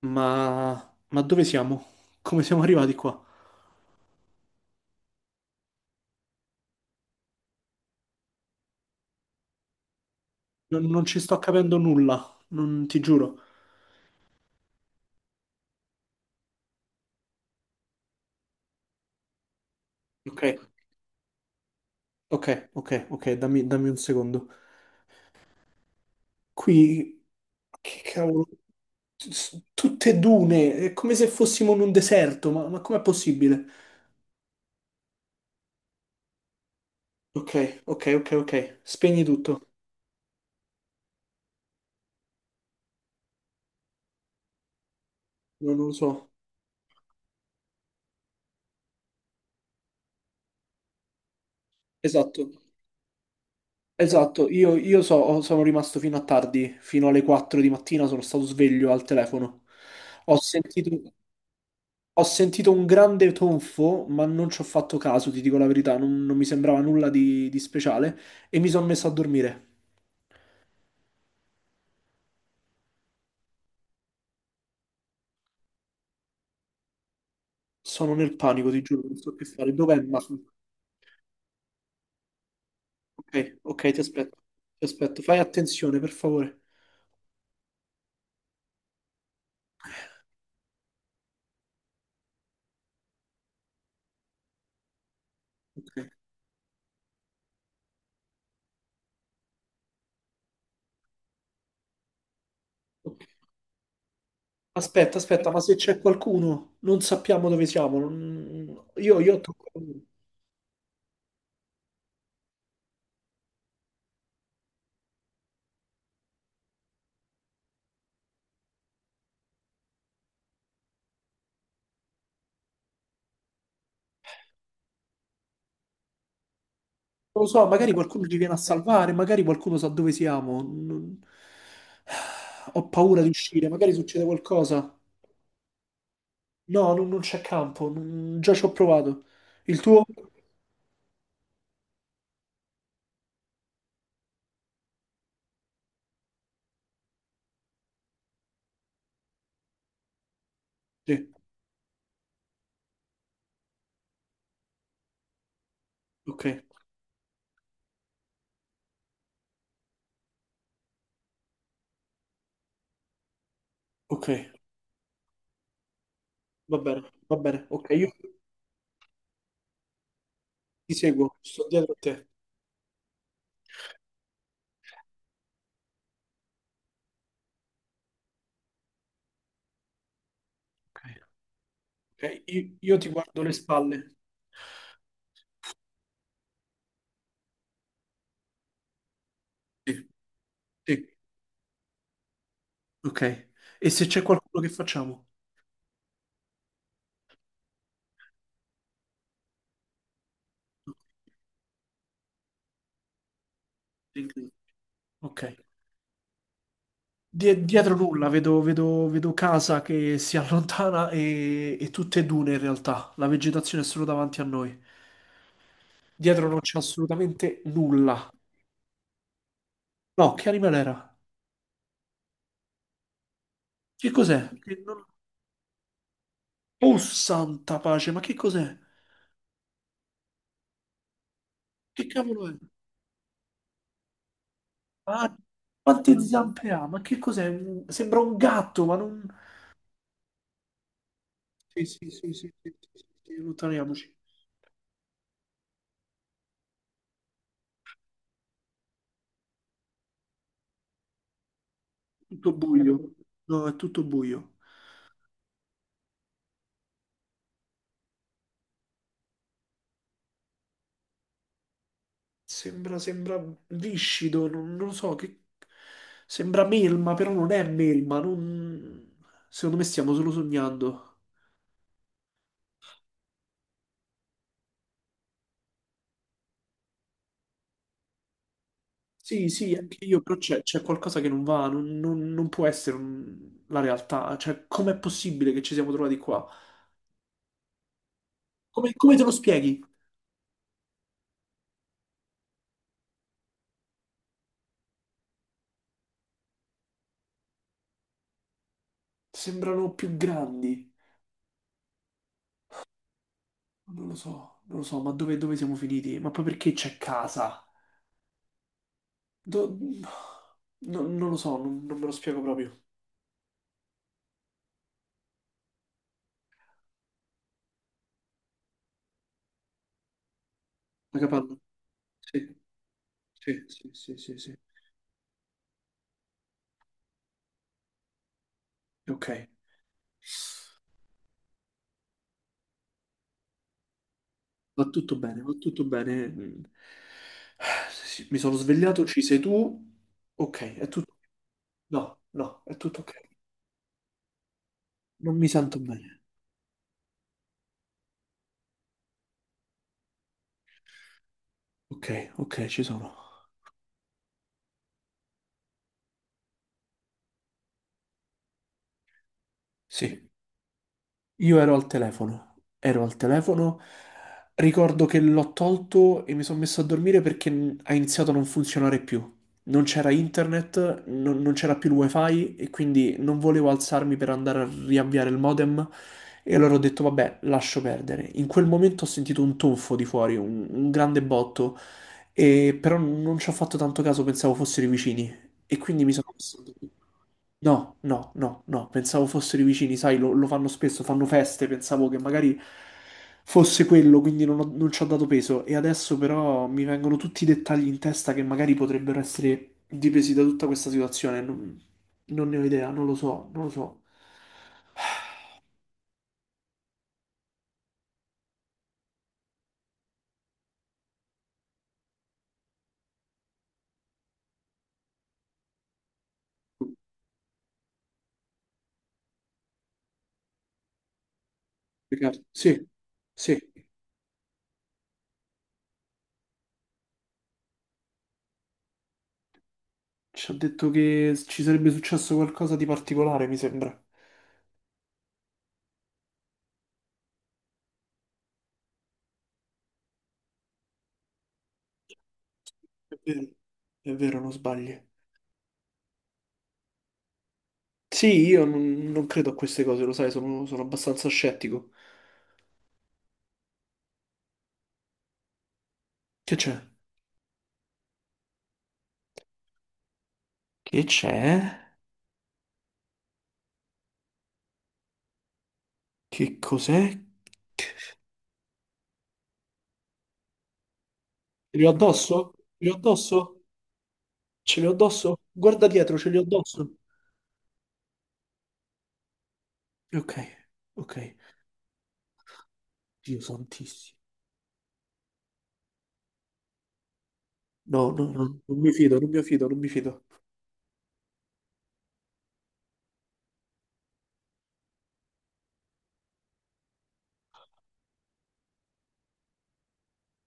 Ma... ma dove siamo? Come siamo arrivati qua? Non ci sto capendo nulla, non ti giuro. Ok, ok, dammi un secondo. Qui, che cavolo, tutte dune, è come se fossimo in un deserto, ma com'è possibile? Ok, spegni tutto. No, non lo so. Esatto, esatto, sono rimasto fino a tardi, fino alle 4 di mattina sono stato sveglio al telefono. Ho sentito... Ho sentito un grande tonfo, ma non ci ho fatto caso, ti dico la verità, non mi sembrava nulla di speciale e mi sono messo a dormire. Sono nel panico, ti giuro, non so che fare. Dov'è il muffler? Ok, ti aspetto. Ti aspetto, fai attenzione, per favore. Ok, ok. Aspetta, ma se c'è qualcuno, non sappiamo dove siamo. Io ho troppo paura. Non lo so, magari qualcuno ci viene a salvare, magari qualcuno sa dove siamo. Ho paura di uscire, magari succede qualcosa. No, non c'è campo, già ci ho provato. Il tuo? Sì, ok, ok, va bene, ok, io ti seguo, sto dietro a te. Ok, ok, io ti guardo le spalle. Sì, sì, ok. E se c'è qualcuno che facciamo? Sì, sì. Ok. Dietro nulla, vedo casa che si allontana e tutte dune in realtà. La vegetazione è solo davanti a noi. Dietro non c'è assolutamente nulla. No, che animale era? Che cos'è? Che non- Oh, santa pace, ma che cos'è? Che cavolo è? Ah, quante zampe ha? Ma che cos'è? Sembra un gatto, ma non... Sì, allontaniamoci. Tutto buio. No, è tutto buio. Sembra viscido, non lo so, che... Sembra melma, però non è melma, non... Secondo me stiamo solo sognando. Sì, anche io, però c'è qualcosa che non va, non può essere la realtà. Cioè, com'è possibile che ci siamo trovati qua? Come te lo spieghi? Sembrano più grandi. Non lo so, ma dove siamo finiti? Ma poi perché c'è casa? Do- non lo so, non me lo spiego proprio. La capanna? Sì, sì. Ok, va tutto bene. Mm. Sì, mi sono svegliato, ci sei tu. Ok, è tutto... No, è tutto ok. Non mi sento bene. Ok, ci sono. Sì. Io ero al telefono, ricordo che l'ho tolto e mi sono messo a dormire perché ha iniziato a non funzionare più. Non c'era internet, non c'era più il wifi e quindi non volevo alzarmi per andare a riavviare il modem e allora ho detto vabbè, lascio perdere. In quel momento ho sentito un tonfo di fuori, un grande botto, e però non ci ho fatto tanto caso, pensavo fossero i vicini e quindi mi sono messo a dormire. No, pensavo fossero i vicini, sai, lo fanno spesso, fanno feste, pensavo che magari fosse quello, quindi non ci ho dato peso. E adesso però mi vengono tutti i dettagli in testa che magari potrebbero essere dipesi da tutta questa situazione. Non ne ho idea, non lo so. Peccato. Sì, sì, ci ha detto che ci sarebbe successo qualcosa di particolare, mi sembra. È vero, è vero, non sbagli. Sì, io non credo a queste cose, lo sai, sono abbastanza scettico. Che c'è? Che c'è? Che cos'è? Ce li ho addosso? Ce li ho addosso? Ce li ho addosso? Guarda dietro, ce li ho addosso. Ok, ok. Dio santissimo. No, non mi fido, non mi fido.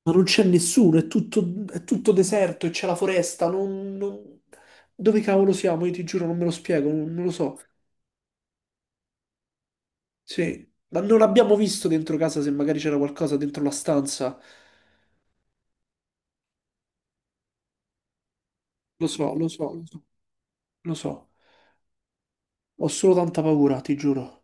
Ma non c'è nessuno, è tutto deserto e c'è la foresta. Dove cavolo siamo? Io ti giuro, non me lo spiego, non lo so. Sì, ma non abbiamo visto dentro casa se magari c'era qualcosa dentro la stanza. Lo so, lo so, lo so, lo so. Ho solo tanta paura, ti giuro.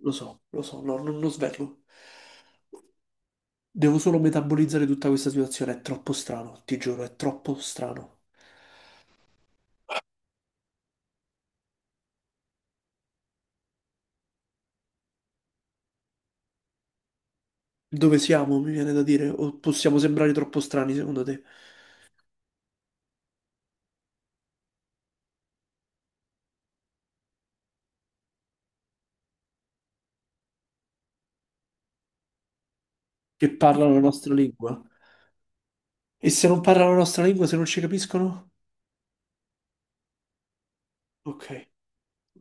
Lo so, no, non lo svelo. Devo solo metabolizzare tutta questa situazione. È troppo strano, ti giuro, è troppo strano. Dove siamo, mi viene da dire, o possiamo sembrare troppo strani, secondo te, che parlano la nostra lingua? E se non parlano la nostra lingua, se non ci capiscono? Ok,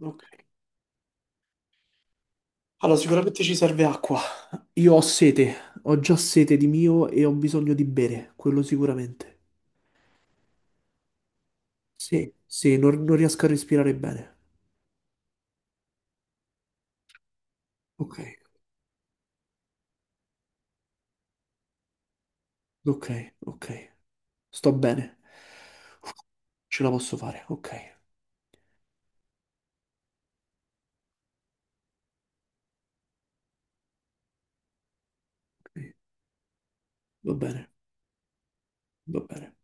ok. Allora, sicuramente ci serve acqua. Io ho sete, ho già sete di mio e ho bisogno di bere, quello sicuramente. Sì, non riesco a respirare bene. Ok, ok. Sto bene, ce la posso fare. Ok, ok. va bene, va bene.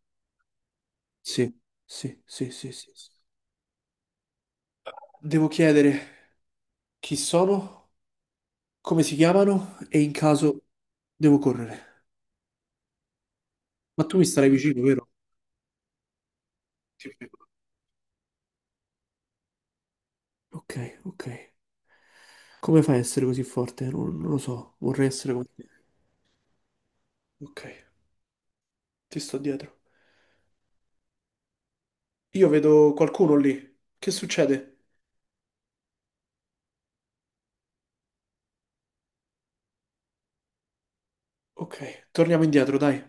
Sì, sì. Devo chiedere chi sono, come si chiamano e in caso devo correre. Ma tu mi starai vicino, vero? Ti prego. Ok. Come fai a essere così forte? Non lo so, vorrei essere come te. Ok, ti sto dietro. Io vedo qualcuno lì. Che succede? Ok, torniamo indietro, dai.